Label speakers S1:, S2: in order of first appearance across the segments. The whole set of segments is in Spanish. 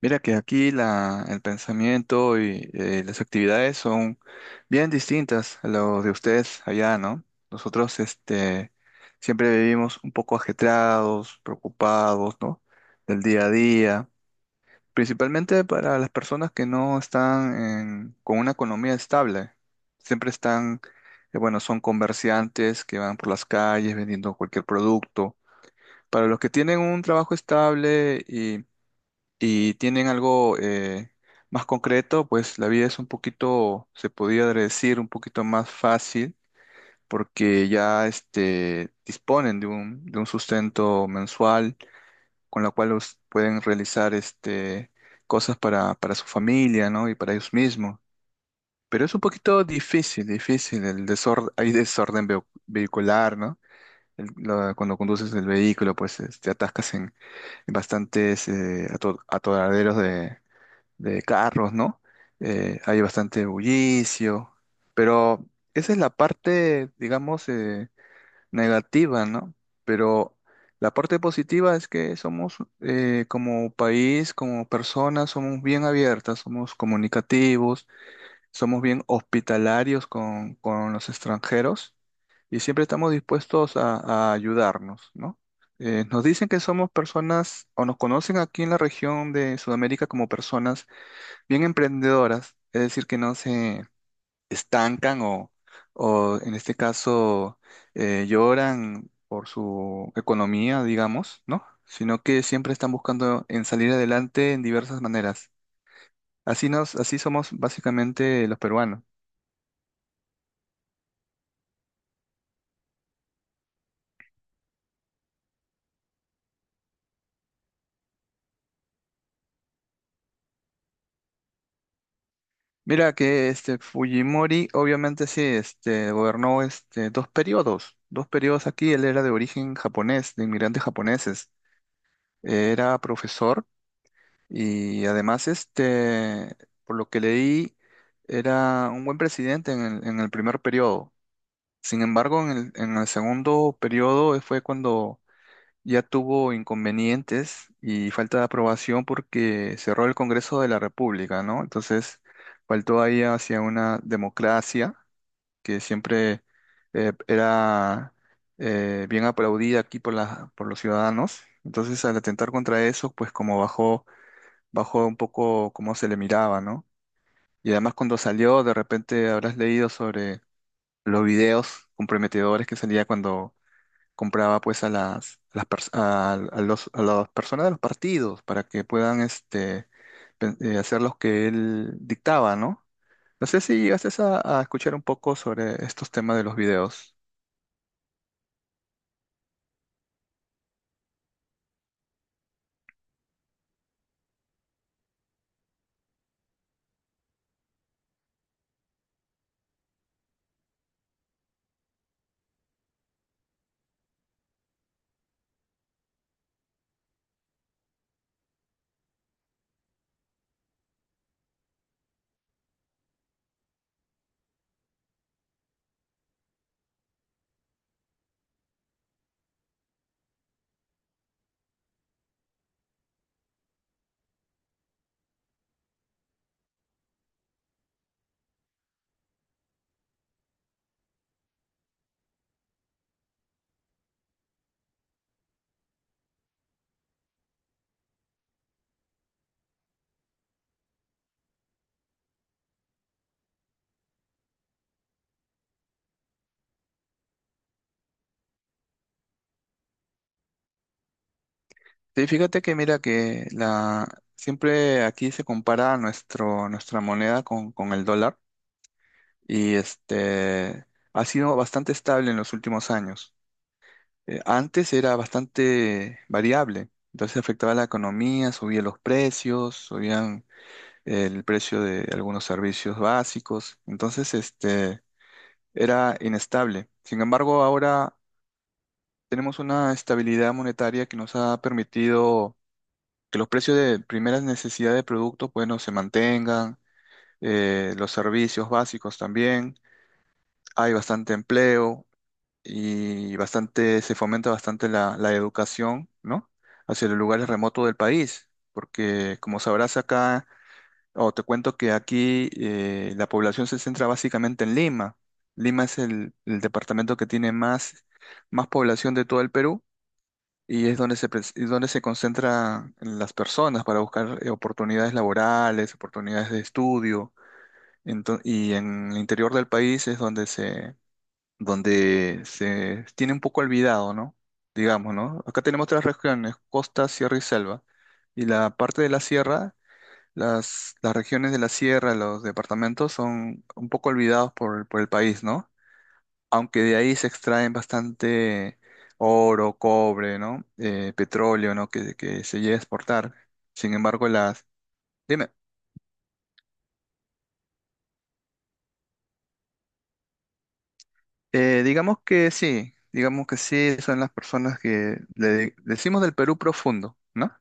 S1: Mira que aquí el pensamiento y las actividades son bien distintas a lo de ustedes allá, ¿no? Nosotros siempre vivimos un poco ajetreados, preocupados, ¿no? Del día a día, principalmente para las personas que no con una economía estable. Siempre están, bueno, son comerciantes que van por las calles vendiendo cualquier producto. Para los que tienen un trabajo estable y tienen algo más concreto, pues la vida es un poquito, se podría decir, un poquito más fácil porque disponen de un sustento mensual con la cual los pueden realizar cosas para su familia, ¿no? Y para ellos mismos. Pero es un poquito difícil, el desorden, hay desorden vehicular, ¿no? Cuando conduces el vehículo, pues te atascas en bastantes atoraderos de carros, ¿no? Hay bastante bullicio, pero esa es la parte, digamos, negativa, ¿no? Pero la parte positiva es que somos como país, como personas, somos bien abiertas, somos comunicativos, somos bien hospitalarios con los extranjeros y siempre estamos dispuestos a ayudarnos, ¿no? Nos dicen que somos personas, o nos conocen aquí en la región de Sudamérica como personas bien emprendedoras, es decir, que no se estancan o en este caso lloran por su economía, digamos, ¿no? Sino que siempre están buscando en salir adelante en diversas maneras. Así somos básicamente los peruanos. Mira que este Fujimori obviamente sí, gobernó dos periodos aquí. Él era de origen japonés, de inmigrantes japoneses, era profesor. Y además, por lo que leí, era un buen presidente en el primer periodo. Sin embargo, en el segundo periodo fue cuando ya tuvo inconvenientes y falta de aprobación porque cerró el Congreso de la República, ¿no? Entonces, faltó ahí hacia una democracia que siempre era bien aplaudida aquí por por los ciudadanos. Entonces, al atentar contra eso, pues como bajó un poco cómo se le miraba, ¿no? Y además cuando salió, de repente habrás leído sobre los videos comprometedores que salía cuando compraba pues a a las, pers- a los- a las personas de los partidos para que puedan hacer los que él dictaba, ¿no? No sé si llegaste a escuchar un poco sobre estos temas de los videos. Sí, fíjate que siempre aquí se compara nuestra moneda con el dólar. y este Ha sido bastante estable en los últimos años. Antes era bastante variable, entonces afectaba la economía, subían los precios, subían el precio de algunos servicios básicos, entonces era inestable. Sin embargo, ahora tenemos una estabilidad monetaria que nos ha permitido que los precios de primeras necesidades de productos, bueno, se mantengan, los servicios básicos también, hay bastante empleo, y bastante, se fomenta bastante la educación, ¿no? Hacia los lugares remotos del país, porque como sabrás acá, o te cuento que aquí la población se centra básicamente en Lima. Lima es el departamento que tiene más población de todo el Perú y es donde es donde se concentran las personas para buscar oportunidades laborales, oportunidades de estudio. Y en el interior del país es donde se tiene un poco olvidado, ¿no? Digamos, ¿no? Acá tenemos tres regiones, costa, sierra y selva. Y la parte de la sierra, las regiones de la sierra, los departamentos son un poco olvidados por el país, ¿no? Aunque de ahí se extraen bastante oro, cobre, ¿no? Petróleo, ¿no? Que se llega a exportar. Sin embargo, las... Dime, digamos que sí, son las personas que decimos del Perú profundo, ¿no?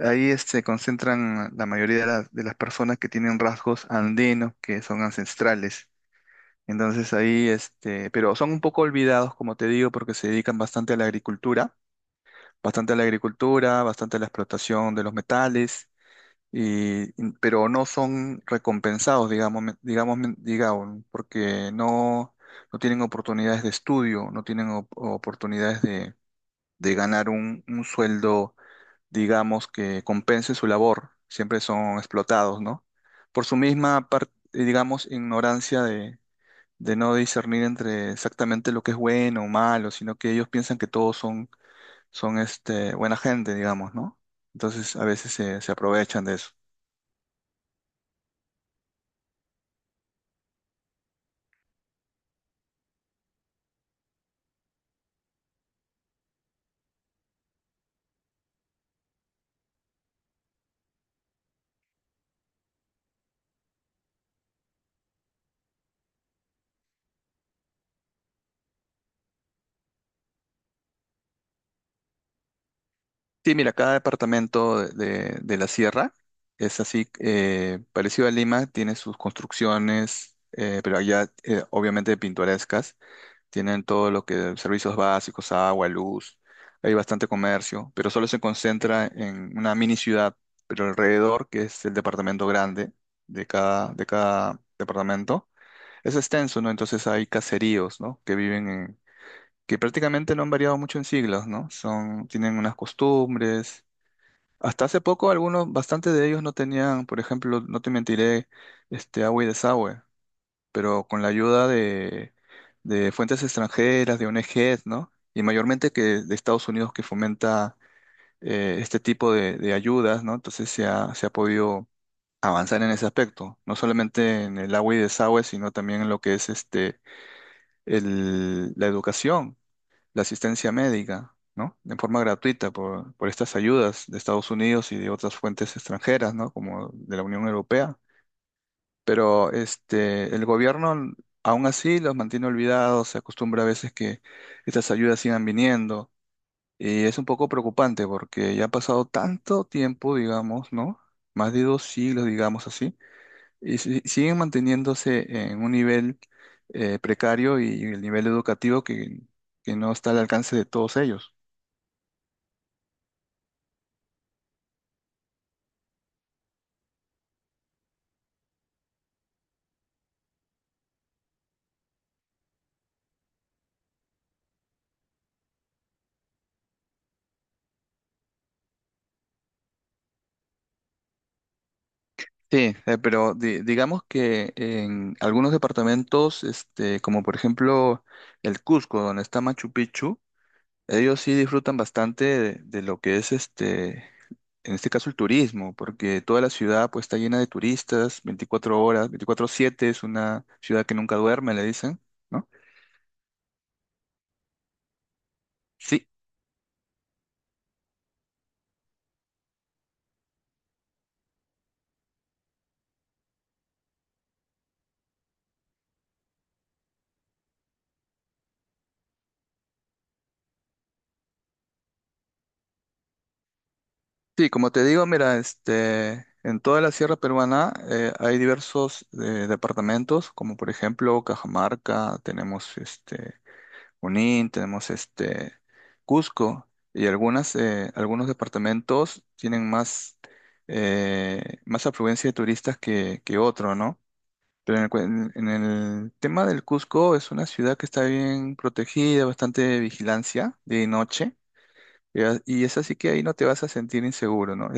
S1: Ahí se concentran la mayoría de las personas que tienen rasgos andinos, que son ancestrales. Entonces ahí, pero son un poco olvidados, como te digo, porque se dedican bastante a la agricultura, bastante a la agricultura, bastante a la explotación de los metales, pero no son recompensados, digamos, digamos, porque no, no tienen oportunidades de estudio, no tienen oportunidades de ganar un sueldo digamos, que compense su labor. Siempre son explotados, ¿no? Por su misma, digamos, ignorancia de no discernir entre exactamente lo que es bueno o malo, sino que ellos piensan que todos son buena gente, digamos, ¿no? Entonces a veces se aprovechan de eso. Sí, mira, cada departamento de la sierra es así, parecido a Lima, tiene sus construcciones, pero allá obviamente pintorescas. Tienen todo lo que servicios básicos, agua, luz. Hay bastante comercio, pero solo se concentra en una mini ciudad, pero alrededor, que es el departamento grande de cada departamento, es extenso, ¿no? Entonces hay caseríos, ¿no? Que viven en, que prácticamente no han variado mucho en siglos, ¿no? Son, tienen unas costumbres. Hasta hace poco algunos, bastante de ellos no tenían, por ejemplo, no te mentiré, agua y desagüe, pero con la ayuda de fuentes extranjeras, de ONGs, ¿no? Y mayormente que de Estados Unidos que fomenta este tipo de ayudas, ¿no? Entonces se ha podido avanzar en ese aspecto, no solamente en el agua y desagüe, sino también en lo que es este, el- la educación, la asistencia médica, ¿no? De forma gratuita por estas ayudas de Estados Unidos y de otras fuentes extranjeras, ¿no? Como de la Unión Europea. Pero el gobierno aún así los mantiene olvidados, se acostumbra a veces que estas ayudas sigan viniendo y es un poco preocupante porque ya ha pasado tanto tiempo, digamos, ¿no? Más de dos siglos, digamos así, y siguen manteniéndose en un nivel precario y el nivel educativo que no está al alcance de todos ellos. Sí, pero digamos que en algunos departamentos, como por ejemplo el Cusco, donde está Machu Picchu, ellos sí disfrutan bastante de lo que es en este caso el turismo, porque toda la ciudad pues está llena de turistas, 24 horas, 24/7, es una ciudad que nunca duerme, le dicen, ¿no? Sí, sí, como te digo, mira, en toda la sierra peruana hay diversos departamentos, como por ejemplo Cajamarca, tenemos este. Junín, tenemos Cusco y algunas, algunos departamentos tienen más, más afluencia de turistas que otro, ¿no? Pero en el, en el tema del Cusco es una ciudad que está bien protegida, bastante vigilancia de noche, y y es así que ahí no te vas a sentir inseguro, ¿no?